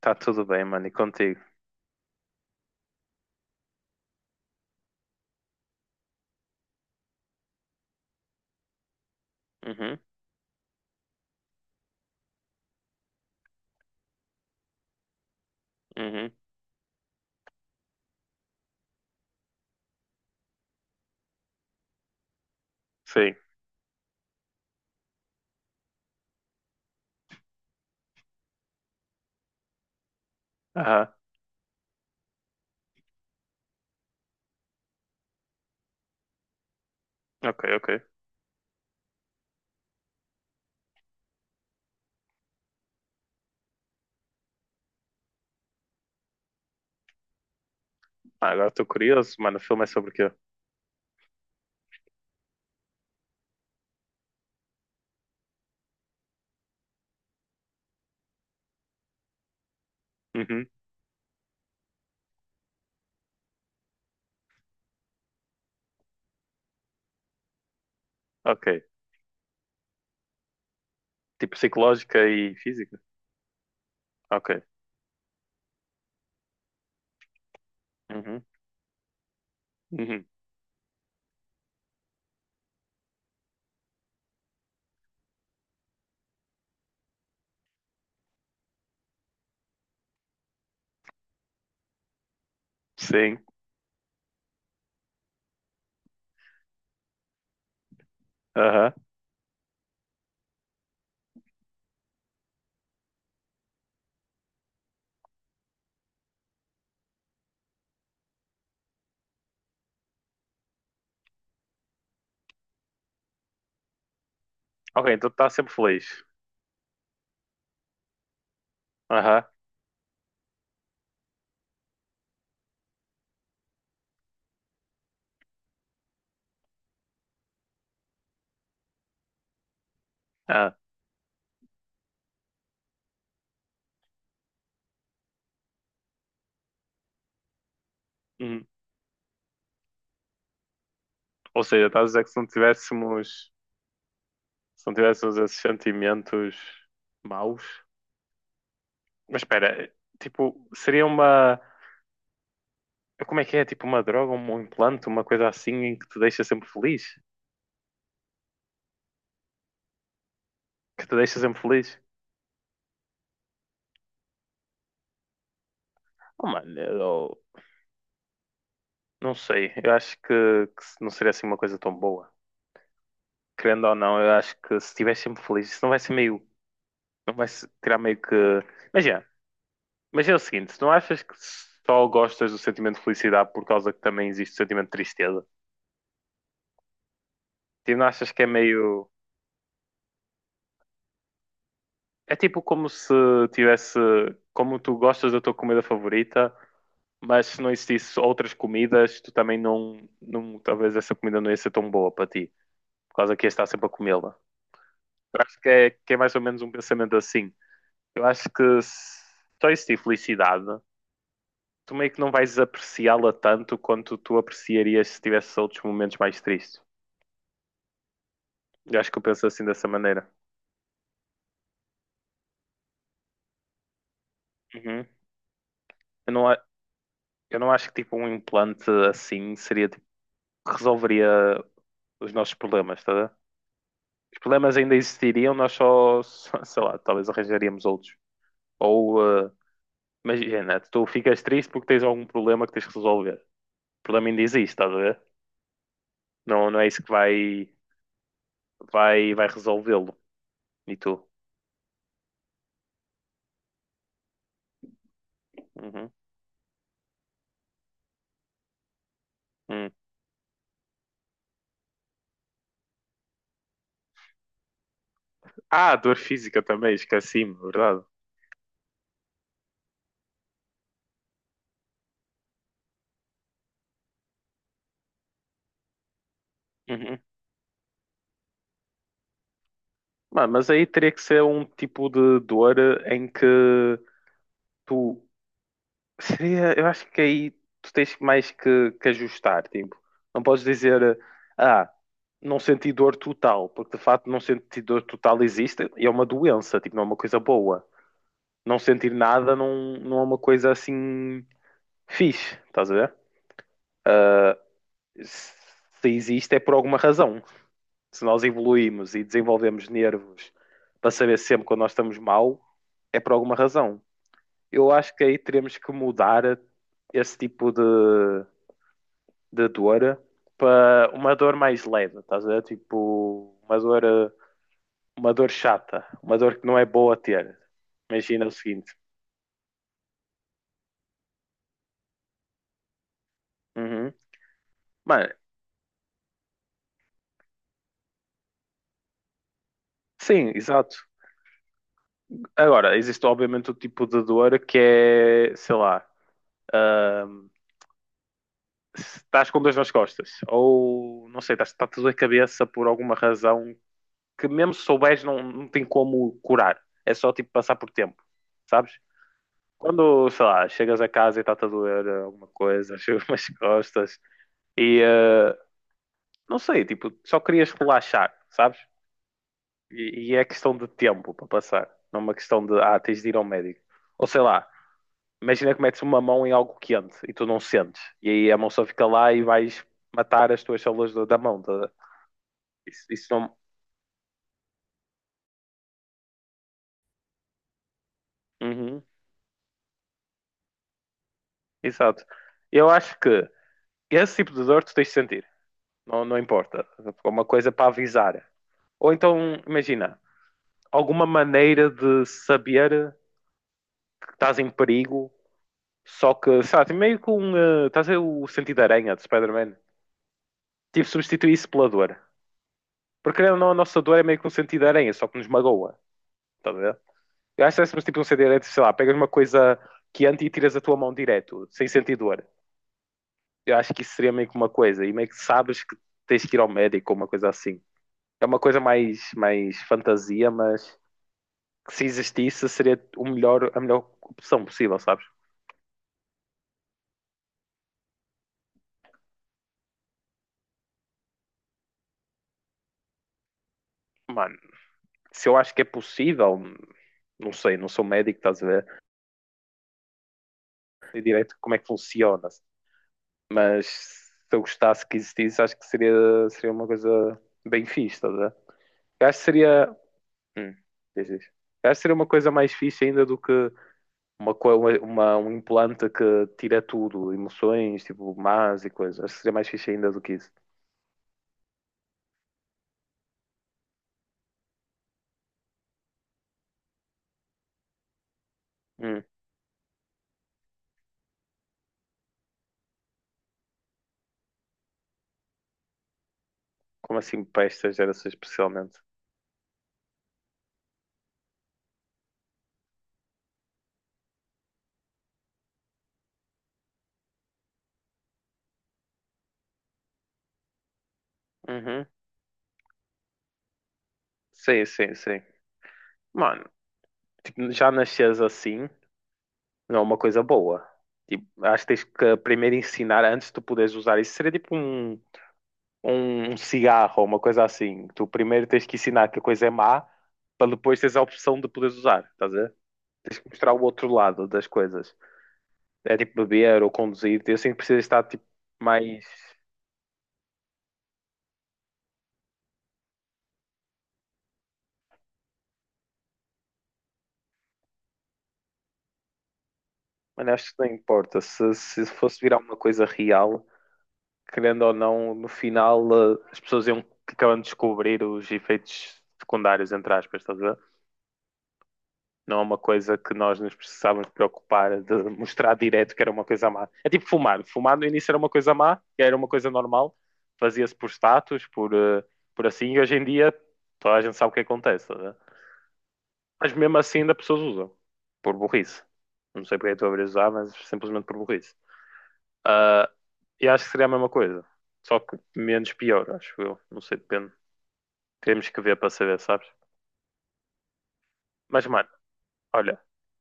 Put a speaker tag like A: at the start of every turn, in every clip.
A: Tá tudo bem, mano, e contigo? Uhum. Uhum. Sim. Aham. Ok, ok. Ah, agora estou curioso, mano, o filme é sobre o quê? Uhum. Ok. Tipo psicológica e física? Ok. Uhum. Uhum. Sim. Aham. Ok, então tá sempre feliz. Aham. Ah. Uhum. Ou seja, estás a dizer que se não tivéssemos esses sentimentos maus? Mas espera, tipo, seria uma, como é que é? Tipo uma droga, um implante, uma coisa assim em que te deixa sempre feliz? Que te deixa sempre feliz? Oh, mano, eu não sei. Eu acho que não seria assim uma coisa tão boa. Querendo ou não, eu acho que se estiver sempre feliz, isso não vai ser meio. Não vai se- tirar meio que. Imagina, imagina o seguinte: se não achas que só gostas do sentimento de felicidade por causa que também existe o sentimento de tristeza? Tipo, não achas que é meio. É tipo como se tivesse. Como tu gostas da tua comida favorita, mas se não existisse outras comidas, tu também não. Não talvez essa comida não ia ser tão boa para ti, por causa que ias estar sempre a comê-la. Eu acho que é mais ou menos um pensamento assim. Eu acho que se só existir felicidade, tu meio que não vais apreciá-la tanto quanto tu apreciarias se tivesses outros momentos mais tristes. Eu acho que eu penso assim dessa maneira. Uhum. Eu não, a- eu não acho que tipo um implante assim seria tipo, resolveria os nossos problemas, tá? A ver? Os problemas ainda existiriam, nós sei lá, talvez arranjaríamos outros. Ou, eh, imagina, tu ficas triste porque tens algum problema que tens que resolver. O problema ainda existe, estás a ver? Não, não é isso que vai resolvê-lo. E tu? Uhum. Uhum. Ah, dor física também, esqueci-me, verdade. Uhum. Mano, mas aí teria que ser um tipo de dor em que tu seria, eu acho que aí tu tens mais que ajustar, tipo, não podes dizer, ah, não senti dor total, porque de facto não sentir dor total existe, e é uma doença, tipo, não é uma coisa boa. Não sentir nada não, não é uma coisa assim fixe, estás a ver? Se existe é por alguma razão. Se nós evoluímos e desenvolvemos nervos para saber sempre quando nós estamos mal, é por alguma razão. Eu acho que aí teremos que mudar esse tipo de dor para uma dor mais leve, estás a ver? Tipo, uma dor chata, uma dor que não é boa a ter. Imagina o seguinte. Uhum. Mano, sim, exato. Agora, existe obviamente o tipo de dor que é, sei lá, hum, se estás com dois nas costas, ou não sei, estás, está tudo a cabeça por alguma razão que mesmo se souberes não, não tem como curar. É só tipo passar por tempo, sabes? Quando, sei lá, chegas a casa e está-te a doer alguma coisa, chegas umas costas e não sei, tipo, só querias relaxar, sabes? E é questão de tempo para passar, não é uma questão de ah, tens de ir ao médico. Ou sei lá, imagina que metes uma mão em algo quente e tu não sentes, e aí a mão só fica lá e vais matar as tuas células do- da mão, tá? Isso não. Uhum, exato. Eu acho que esse tipo de dor tu tens de sentir. Não, não importa. É uma coisa para avisar. Ou então, imagina, alguma maneira de saber que estás em perigo, só que, sabe, meio com. Estás a ver o sentido de aranha de Spider-Man? Tipo, substituir isso pela dor. Porque querendo ou não, a nossa dor é meio que um sentido de aranha, só que nos magoa. Estás a ver? Eu acho que é tipo um sentido de aranha, sei lá, pegas uma coisa quente e tiras a tua mão direto, sem sentir dor. Eu acho que isso seria meio que uma coisa, e meio que sabes que tens que ir ao médico ou uma coisa assim. É uma coisa mais fantasia, mas que se existisse seria o melhor, a melhor opção possível, sabes? Mano, se eu acho que é possível, não sei, não sou médico, estás a ver? Sei direito como é que funciona, mas se eu gostasse que existisse, acho que seria uma coisa bem fixe, estás a ver? Eu acho que seria. Hum, diz, diz. Eu acho que seria uma coisa mais fixe ainda do que uma, co- uma- um implante que tira tudo, emoções, tipo, más e coisas. Acho que seria mais fixe ainda do que isso. Hum, como assim para esta geração especialmente? Uhum. Sim, sim, sim. Mano, tipo, já nasces assim, não é uma coisa boa. Tipo, acho que tens que primeiro ensinar antes de tu poderes usar. Isso seria tipo um, um cigarro, ou uma coisa assim. Tu primeiro tens que ensinar que a coisa é má, para depois teres a opção de poderes usar, estás a ver? Tens que mostrar o outro lado das coisas. É tipo beber ou conduzir, eu sinto que precisa estar tipo mais. Mano, acho que não importa. Se fosse virar uma coisa real, querendo ou não, no final as pessoas iam acabando de descobrir os efeitos secundários, entre aspas, estás a ver? Não é uma coisa que nós nos precisávamos preocupar de mostrar direto que era uma coisa má. É tipo fumar. Fumar no início era uma coisa má, era uma coisa normal, fazia-se por status, por, por assim, e hoje em dia toda a gente sabe o que acontece, estás a. Mas mesmo assim ainda pessoas usam. Por burrice. Não sei porque é que estou a abrir usar, mas simplesmente por burrice. Ah, e acho que seria a mesma coisa. Só que menos pior, acho eu. Não sei, depende. Temos que ver para saber, sabes? Mas, mano, olha.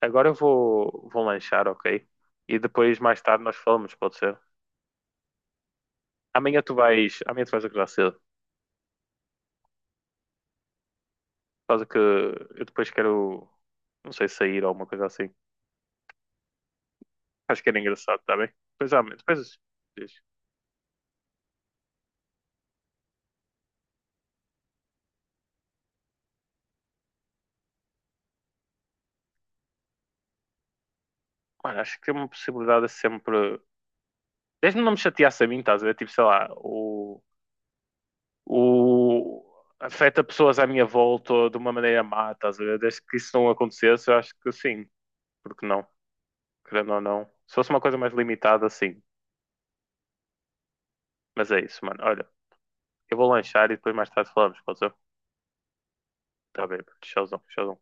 A: Agora eu vou lanchar, ok? E depois, mais tarde, nós falamos, pode ser? Amanhã tu vais acordar cedo. Por causa que eu depois quero... Não sei, sair ou alguma coisa assim. Acho que era engraçado, tá bem? Depois, amanhã, depois... Diz. Mano, acho que tem uma possibilidade é sempre. Desde não me chateasse a mim, estás a ver? Tipo, sei lá, o afeta pessoas à minha volta de uma maneira má, estás a ver? Desde que isso não acontecesse, eu acho que sim, porque não, querendo ou não. Se fosse uma coisa mais limitada, sim. Mas é isso, mano. Olha, eu vou lanchar e depois mais tarde falamos, pode ser? Tá bem, showzão, showzão.